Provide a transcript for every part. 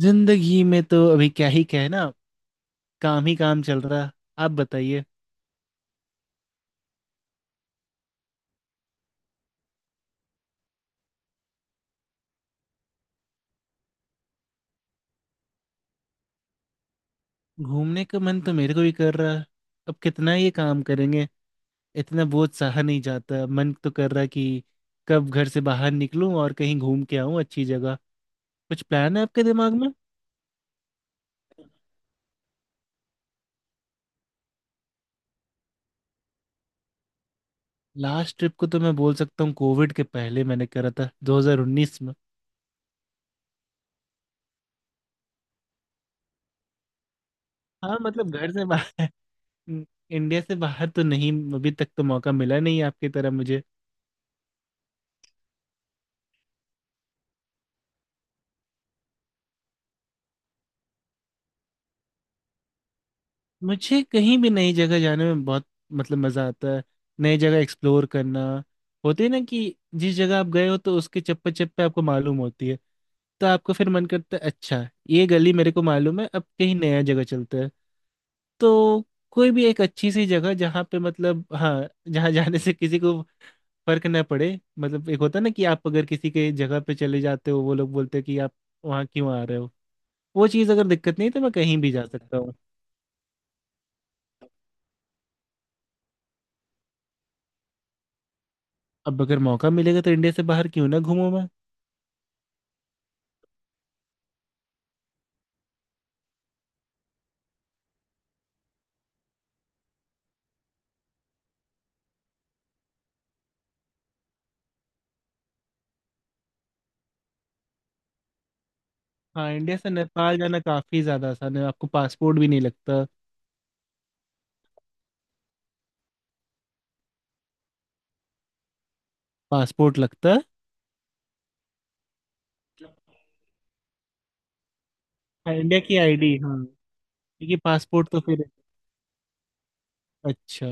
जिंदगी में तो अभी क्या ही कहे ना। काम ही काम चल रहा। आप बताइए। घूमने का मन तो मेरे को भी कर रहा है। अब कितना ये काम करेंगे। इतना बोझ सहा नहीं जाता, मन तो कर रहा कि कब घर से बाहर निकलूं और कहीं घूम के आऊं अच्छी जगह। कुछ प्लान है आपके दिमाग में? लास्ट ट्रिप को तो मैं बोल सकता हूँ, कोविड के पहले मैंने करा था 2019 में। हाँ, मतलब घर से बाहर। इंडिया से बाहर तो नहीं, अभी तक तो मौका मिला नहीं आपकी तरह मुझे। मुझे कहीं भी नई जगह जाने में बहुत, मतलब मज़ा आता है। नई जगह एक्सप्लोर करना। होती है ना कि जिस जगह आप गए हो तो उसके चप्पे चप्पे आपको मालूम होती है। तो आपको फिर मन करता है अच्छा, ये गली मेरे को मालूम है, अब कहीं नया जगह चलते हैं। तो कोई भी एक अच्छी सी जगह जहाँ पे, मतलब हाँ, जहाँ जाने से किसी को फर्क ना पड़े। मतलब एक होता है ना कि आप अगर किसी के जगह पे चले जाते हो वो लोग बोलते हैं कि आप वहाँ क्यों आ रहे हो। वो चीज़ अगर दिक्कत नहीं है, तो मैं कहीं भी जा सकता। अब अगर मौका मिलेगा तो इंडिया से बाहर क्यों ना घूमूं मैं। हाँ, इंडिया से नेपाल जाना काफी ज्यादा आसान है, आपको पासपोर्ट भी नहीं लगता। पासपोर्ट लगता है। हाँ, इंडिया की आईडी हाँ। क्योंकि पासपोर्ट तो फिर। अच्छा।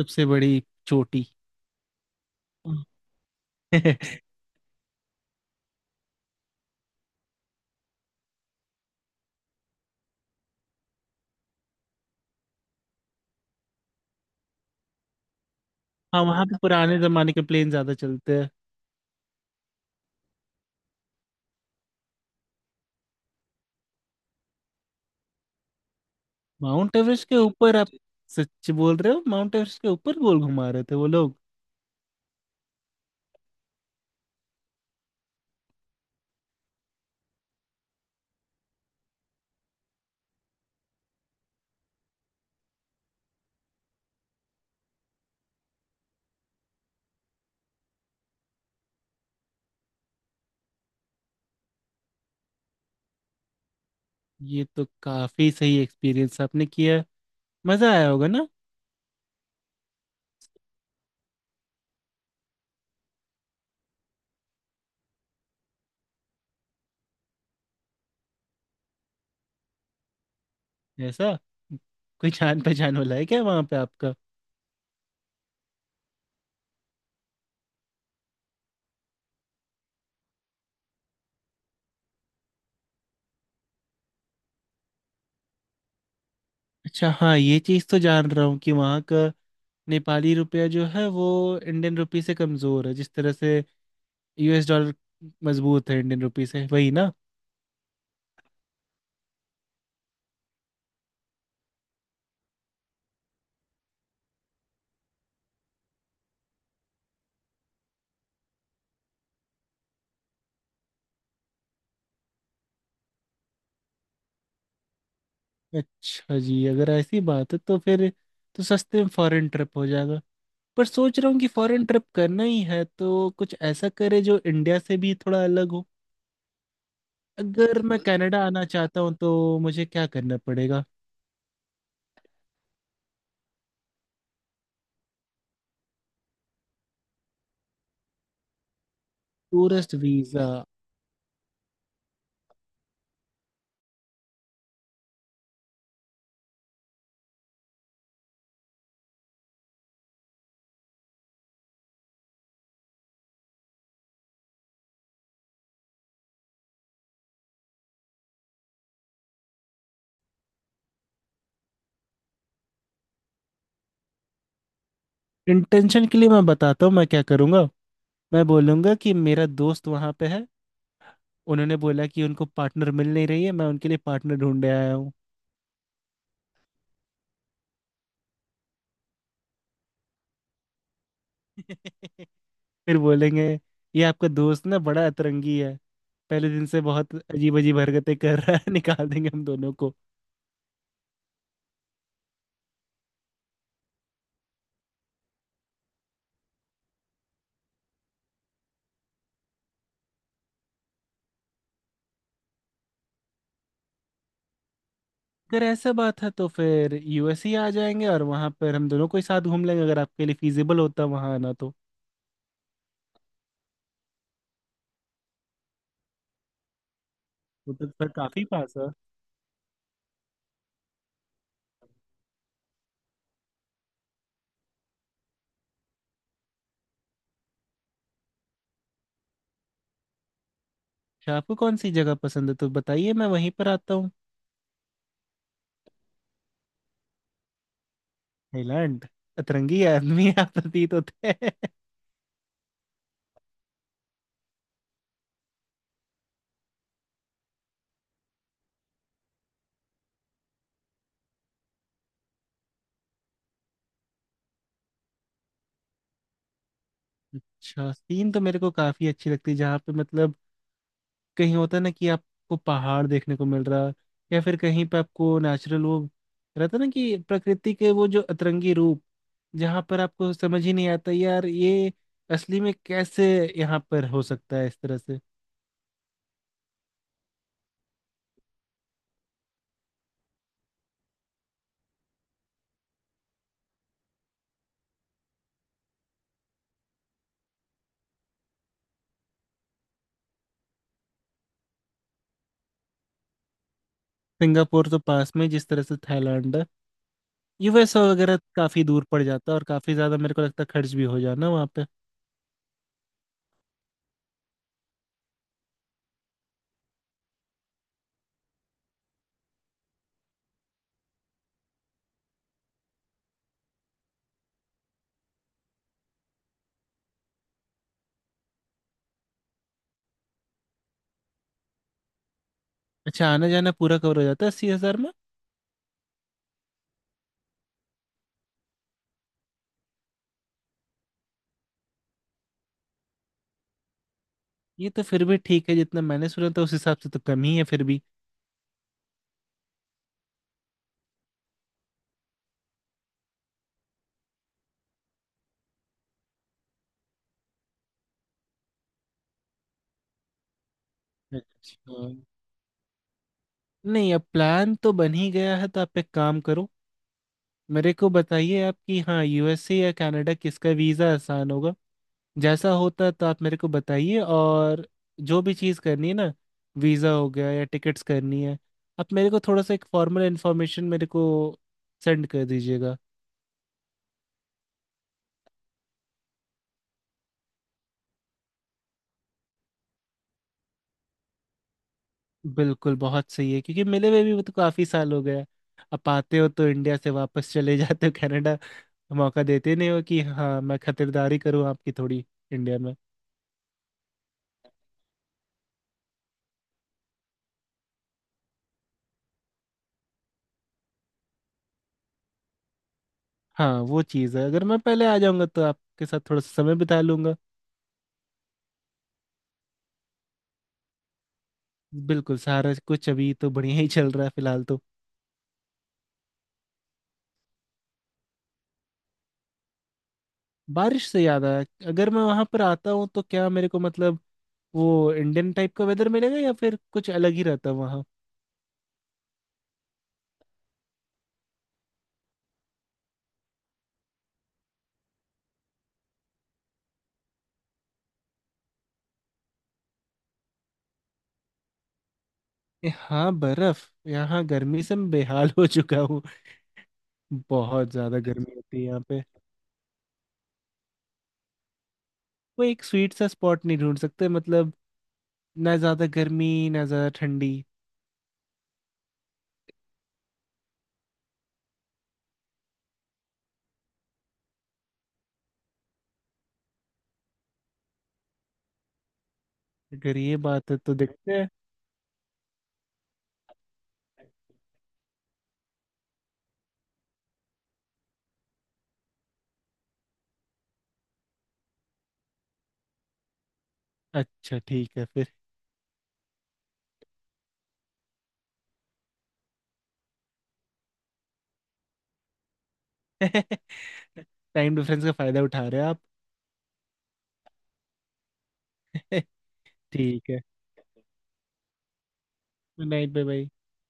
सबसे बड़ी चोटी। हाँ, वहाँ पे पुराने जमाने के प्लेन ज्यादा चलते हैं। माउंट एवरेस्ट के ऊपर आप? सच बोल रहे हो, माउंट एवरेस्ट के ऊपर गोल घुमा रहे थे वो लोग? ये तो काफी सही एक्सपीरियंस आपने किया। मजा आया होगा ना। ऐसा? कोई जान पहचान वाला है क्या वहाँ पे? अच्छा, हाँ ये चीज़ तो जान रहा हूँ कि वहाँ का नेपाली रुपया जो है वो इंडियन रुपी से कमज़ोर है। जिस तरह से यूएस डॉलर मजबूत है इंडियन रुपी से, वही ना। अच्छा जी, अगर ऐसी बात है तो फिर तो सस्ते में फॉरेन ट्रिप हो जाएगा। पर सोच रहा हूँ कि फॉरेन ट्रिप करना ही है तो कुछ ऐसा करे जो इंडिया से भी थोड़ा अलग हो। अगर मैं कनाडा आना चाहता हूँ तो मुझे क्या करना पड़ेगा? Tourist visa. इंटेंशन के लिए मैं बताता हूँ मैं क्या करूँगा। मैं बोलूँगा कि मेरा दोस्त वहाँ पे है, उन्होंने बोला कि उनको पार्टनर मिल नहीं रही है, मैं उनके लिए पार्टनर ढूंढने आया हूँ। फिर बोलेंगे ये आपका दोस्त ना बड़ा अतरंगी है, पहले दिन से बहुत अजीब अजीब हरकतें कर रहा है। निकाल देंगे हम दोनों को। अगर ऐसा बात है तो फिर यूएस ही आ जाएंगे और वहां पर हम दोनों को ही साथ घूम लेंगे, अगर आपके लिए फिजिबल होता वहां आना तो। वो तो फिर काफी पास है। अच्छा, आपको कौन सी जगह पसंद है तो बताइए, मैं वहीं पर आता हूँ। थाईलैंड? अतरंगी आदमी आप प्रतीत होते हैं। अच्छा, सीन तो मेरे को काफी अच्छी लगती है। जहाँ पे, मतलब कहीं होता है ना कि आपको पहाड़ देखने को मिल रहा, या फिर कहीं पे आपको नेचुरल वो रहता ना कि प्रकृति के वो जो अतरंगी रूप, जहाँ पर आपको समझ ही नहीं आता यार ये असली में कैसे यहाँ पर हो सकता है इस तरह से। सिंगापुर तो पास में, जिस तरह से थाईलैंड है। यूएस वगैरह काफी दूर पड़ जाता है, और काफी ज्यादा मेरे को लगता है खर्च भी हो जाना वहाँ पे। अच्छा, आना जाना पूरा कवर हो जाता है 80,000 में? ये तो फिर भी ठीक है, जितना मैंने सुना था उस हिसाब से तो कम ही है फिर भी। अच्छा। नहीं, अब प्लान तो बन ही गया है तो आप एक काम करो। मेरे को बताइए आप कि हाँ, यूएसए या कनाडा, किसका वीज़ा आसान होगा जैसा होता है, तो आप मेरे को बताइए। और जो भी चीज़ करनी है ना, वीज़ा हो गया या टिकट्स करनी है, आप मेरे को थोड़ा सा एक फॉर्मल इन्फॉर्मेशन मेरे को सेंड कर दीजिएगा। बिल्कुल बहुत सही है, क्योंकि मिले हुए भी वो तो काफ़ी साल हो गया। आप आते हो तो इंडिया से वापस चले जाते हो कनाडा, मौका देते नहीं हो कि हाँ मैं खतिरदारी करूँ आपकी थोड़ी इंडिया में। हाँ, वो चीज़ है, अगर मैं पहले आ जाऊंगा तो आपके साथ थोड़ा सा समय बिता लूंगा। बिल्कुल, सारा कुछ अभी तो बढ़िया ही चल रहा है फिलहाल तो। बारिश से याद आया, अगर मैं वहां पर आता हूँ तो क्या मेरे को, मतलब वो इंडियन टाइप का वेदर मिलेगा या फिर कुछ अलग ही रहता है वहाँ? हाँ बर्फ, यहाँ गर्मी से मैं बेहाल हो चुका हूँ। बहुत ज्यादा गर्मी होती है यहाँ पे। कोई एक स्वीट सा स्पॉट नहीं ढूंढ सकते? मतलब ना ज्यादा गर्मी, ना ज्यादा ठंडी। अगर ये बात है तो देखते हैं। अच्छा ठीक है। फिर टाइम डिफरेंस का फायदा उठा रहे हो आप। ठीक है। गुड नाइट भाई।